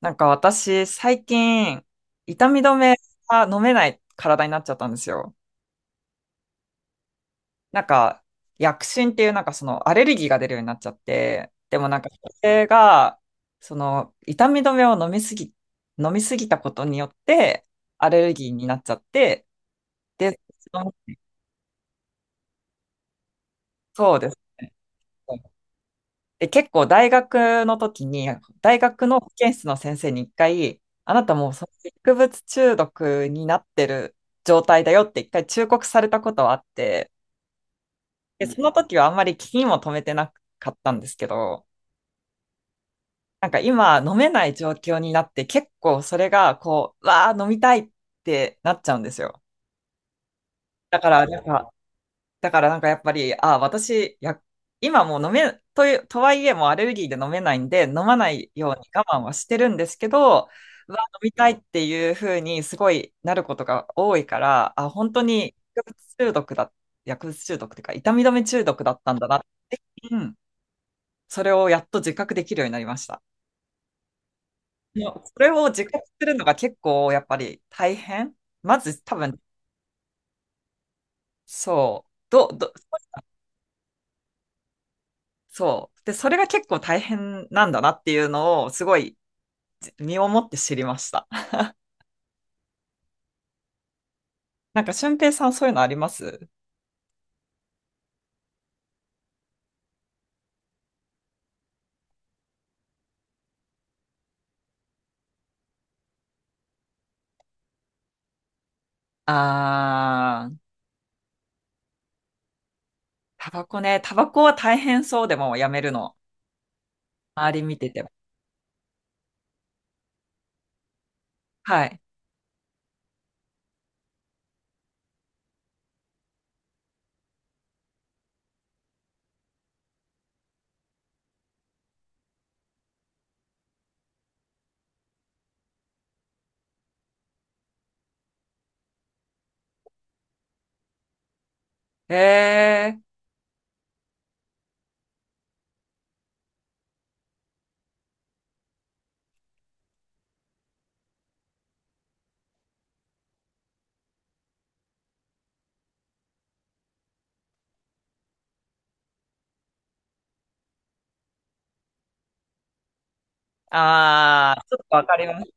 なんか私、最近、痛み止めが飲めない体になっちゃったんですよ。なんか、薬疹っていうなんかそのアレルギーが出るようになっちゃって、でもなんかそれが、その痛み止めを飲みすぎたことによって、アレルギーになっちゃって、で、そのそうですね。で、結構大学の時に、大学の保健室の先生に一回、あなたもうその薬物中毒になってる状態だよって一回忠告されたことはあって、で、その時はあんまり気にも留めてなかったんですけど、なんか今飲めない状況になって結構それがこう、わあ飲みたいってなっちゃうんですよ。だからなんかだからなんかやっぱり、ああ、私、や、今もう飲め、という、とはいえもうアレルギーで飲めないんで、飲まないように我慢はしてるんですけど、うわ、飲みたいっていうふうにすごいなることが多いから、あ、本当に薬物中毒だ、薬物中毒っていうか、痛み止め中毒だったんだな、うん、それをやっと自覚できるようになりました。もうそれを自覚するのが結構やっぱり大変。まず多分、そう、そう。で、それが結構大変なんだなっていうのを、すごい身をもって知りました。なんか、俊平さん、そういうのあります？あー、タバコね。タバコは大変そうでもやめるの。周り見てても。はい。えー、あー、ちょっとわかります。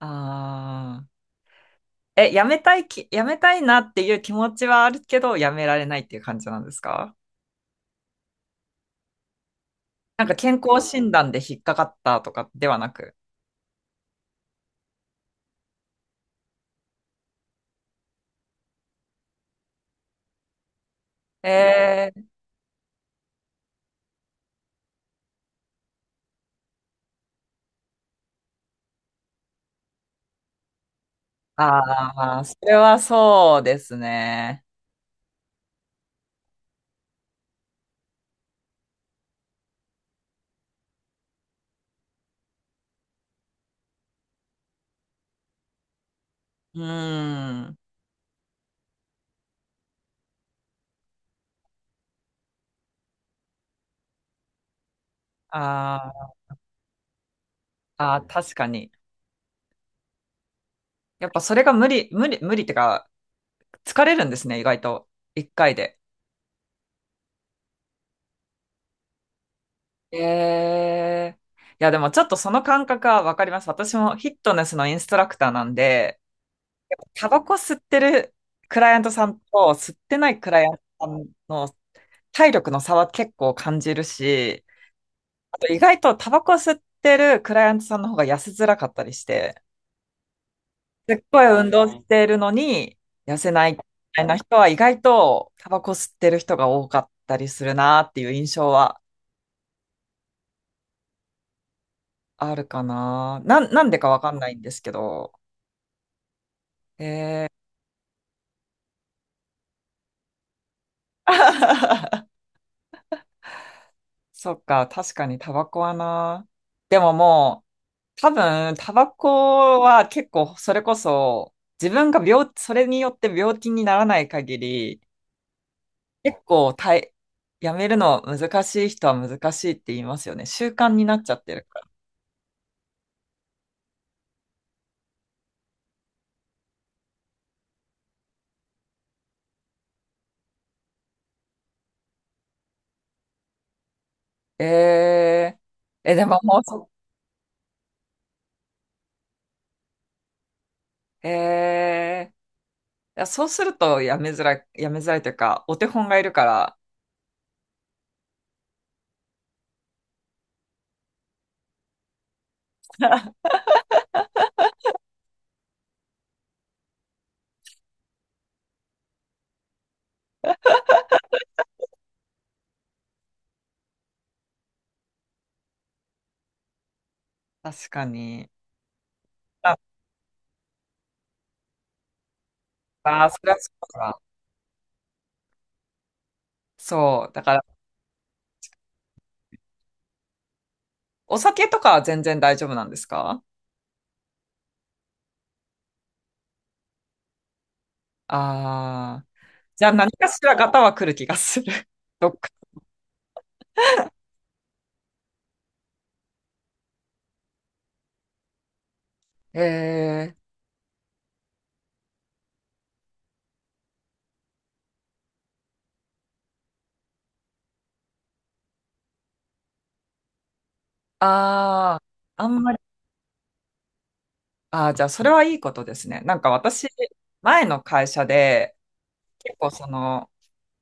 あー。え、やめたいなっていう気持ちはあるけど、やめられないっていう感じなんですか？なんか健康診断で引っかかったとかではなく。え。ああ、それはそうですね。うん。あー。あー、確かに。やっぱそれが無理、無理、無理ってか、疲れるんですね、意外と。一回で。ええ。いや、でもちょっとその感覚はわかります。私もフィットネスのインストラクターなんで、タバコ吸ってるクライアントさんと吸ってないクライアントさんの体力の差は結構感じるし、あと意外とタバコ吸ってるクライアントさんの方が痩せづらかったりして、すっごい運動しているのに痩せないみたいな人は意外とタバコ吸ってる人が多かったりするなっていう印象はあるかな。なんでかわかんないんですけど。そっか、確かにタバコはな。でももう、多分タバコは結構それこそ自分が病、それによって病気にならない限り、結構たい、やめるの難しい人は難しいって言いますよね。習慣になっちゃってる。え。ええ、でももうええ。いや、そうするとやめづらい、やめづらいというか、お手本がいるから、確かに。あ、あ、それはそうか。そう。だから、お酒とかは全然大丈夫なんですか？ああー。じゃあ何かしらガタは来る気がする。どっか。ええ。ああ、あんまり。ああ、じゃあそれはいいことですね。なんか私、前の会社で、結構その、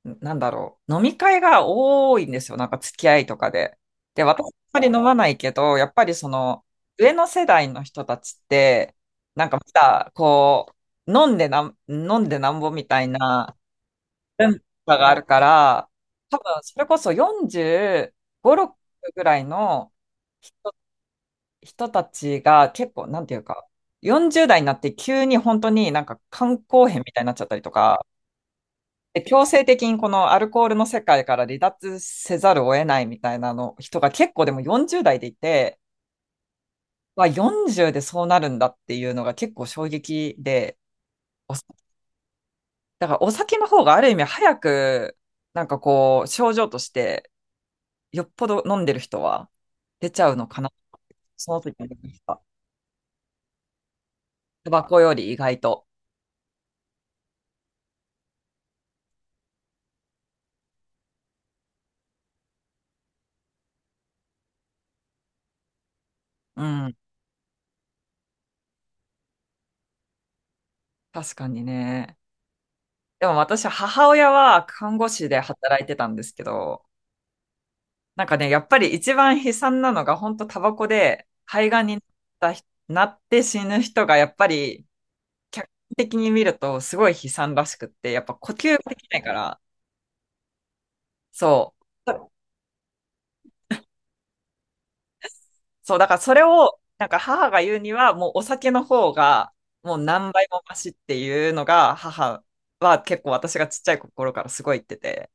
なんだろう、飲み会が多いんですよ、なんか付き合いとかで。で、私、あんまり飲まないけど、やっぱりその、上の世代の人たちって、なんかまだ、こう、飲んでなんぼみたいな文化があるから、多分、それこそ45、6ぐらいの人、人たちが結構、なんていうか、40代になって急に本当になんか肝硬変みたいになっちゃったりとか、で強制的にこのアルコールの世界から離脱せざるを得ないみたいなの人が結構でも40代でいて、わ40でそうなるんだっていうのが結構衝撃で、お酒だからお酒の方がある意味早くなんかこう症状としてよっぽど飲んでる人は出ちゃうのかな。その時に思てきた。タバコより意外と。うん。確かにね。でも私、母親は看護師で働いてたんですけど、なんかね、やっぱり一番悲惨なのが、本当タバコで肺がんになった人なって死ぬ人が、やっぱり客観的に見るとすごい悲惨らしくって、やっぱ呼吸ができないから、そう。そう、だからそれを、なんか母が言うには、もうお酒の方が、もう何倍もマシっていうのが、母は結構私がちっちゃい頃からすごい言ってて、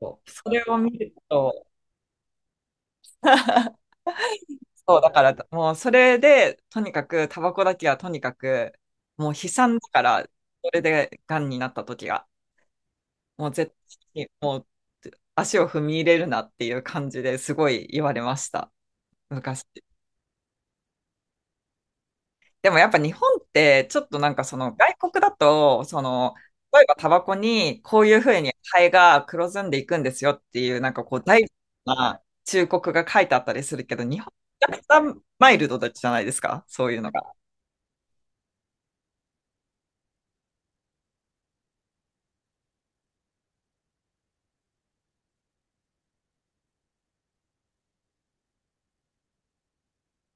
そうそれを見ると、そう、だから、もうそれで、とにかく、タバコだけはとにかく、もう悲惨だから、それで癌になった時が、もう絶対に、もう足を踏み入れるなっていう感じですごい言われました、昔。でもやっぱ日本って、ちょっとなんかその外国だと、その、例えばタバコにこういうふうに肺が黒ずんでいくんですよっていう、なんかこう、大事な忠告が書いてあったりするけど、日本めちゃくちゃマイルドじゃないですか、そういうのが。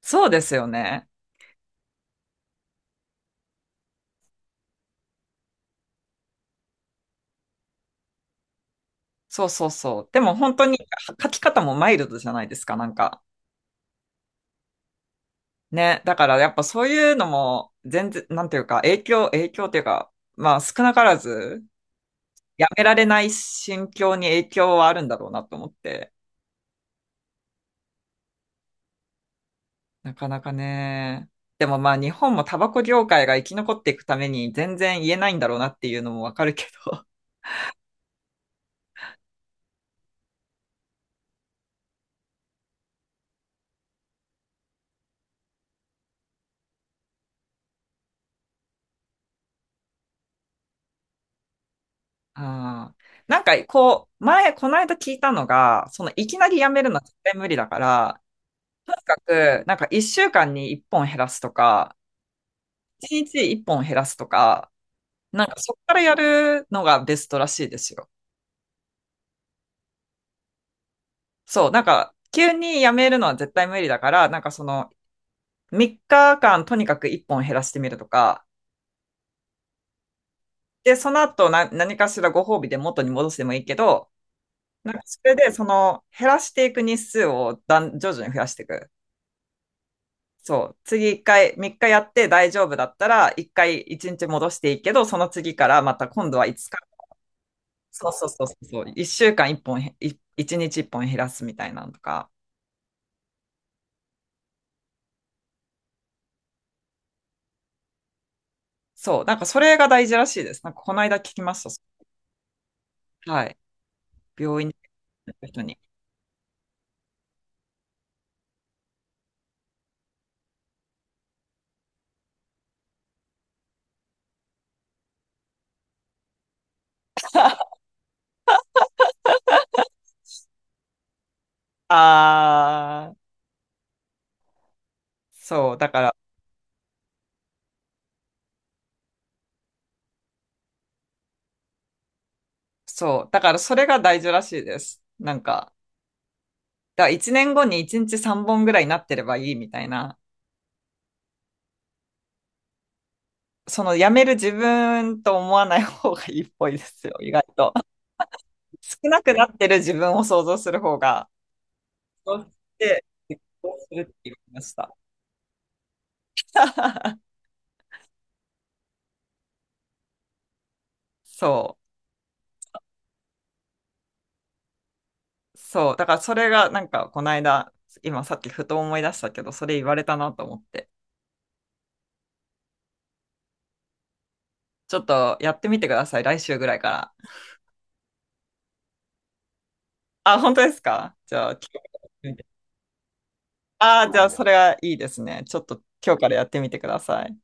そうですよね。そうそうそう。でも本当に書き方もマイルドじゃないですか、なんか。ね。だからやっぱそういうのも全然、なんていうか、影響っていうか、まあ少なからず、やめられない心境に影響はあるんだろうなと思って。なかなかね。でもまあ日本もタバコ業界が生き残っていくために全然言えないんだろうなっていうのもわかるけど。ああ。なんかこう、前、この間聞いたのが、そのいきなりやめるのは絶対無理だから、とにかく、なんか1週間に1本減らすとか、1日1本減らすとか、なんかそこからやるのがベストらしいですよ。そう、なんか急にやめるのは絶対無理だから、なんかその3日間とにかく1本減らしてみるとか、で、その後何かしらご褒美で元に戻してもいいけど、なんかそれでその減らしていく日数を徐々に増やしていく。そう。次一回、3日やって大丈夫だったら、一回一日戻していいけど、その次からまた今度は5日、そうそうそうそうそう。1週間1本1日1本減らすみたいなのとか。そう。なんかそれが大事らしいです。なんかこの間聞きました。はい。病院に行った人に。あー、そう。だから、それが大事らしいです。なんか、だから1年後に1日3本ぐらいになってればいいみたいな。そのやめる自分と思わない方がいいっぽいですよ。意外と。少なくなってる自分を想像する方が、そうして、結婚するって言いました。そう、そう。だからそれがなんかこの間、今さっきふと思い出したけど、それ言われたなと思って。ちょっとやってみてください、来週ぐらいから。あ、本当ですか？じゃあ、今日ああー、じゃあそれはいいですね。ちょっと今日からやってみてください。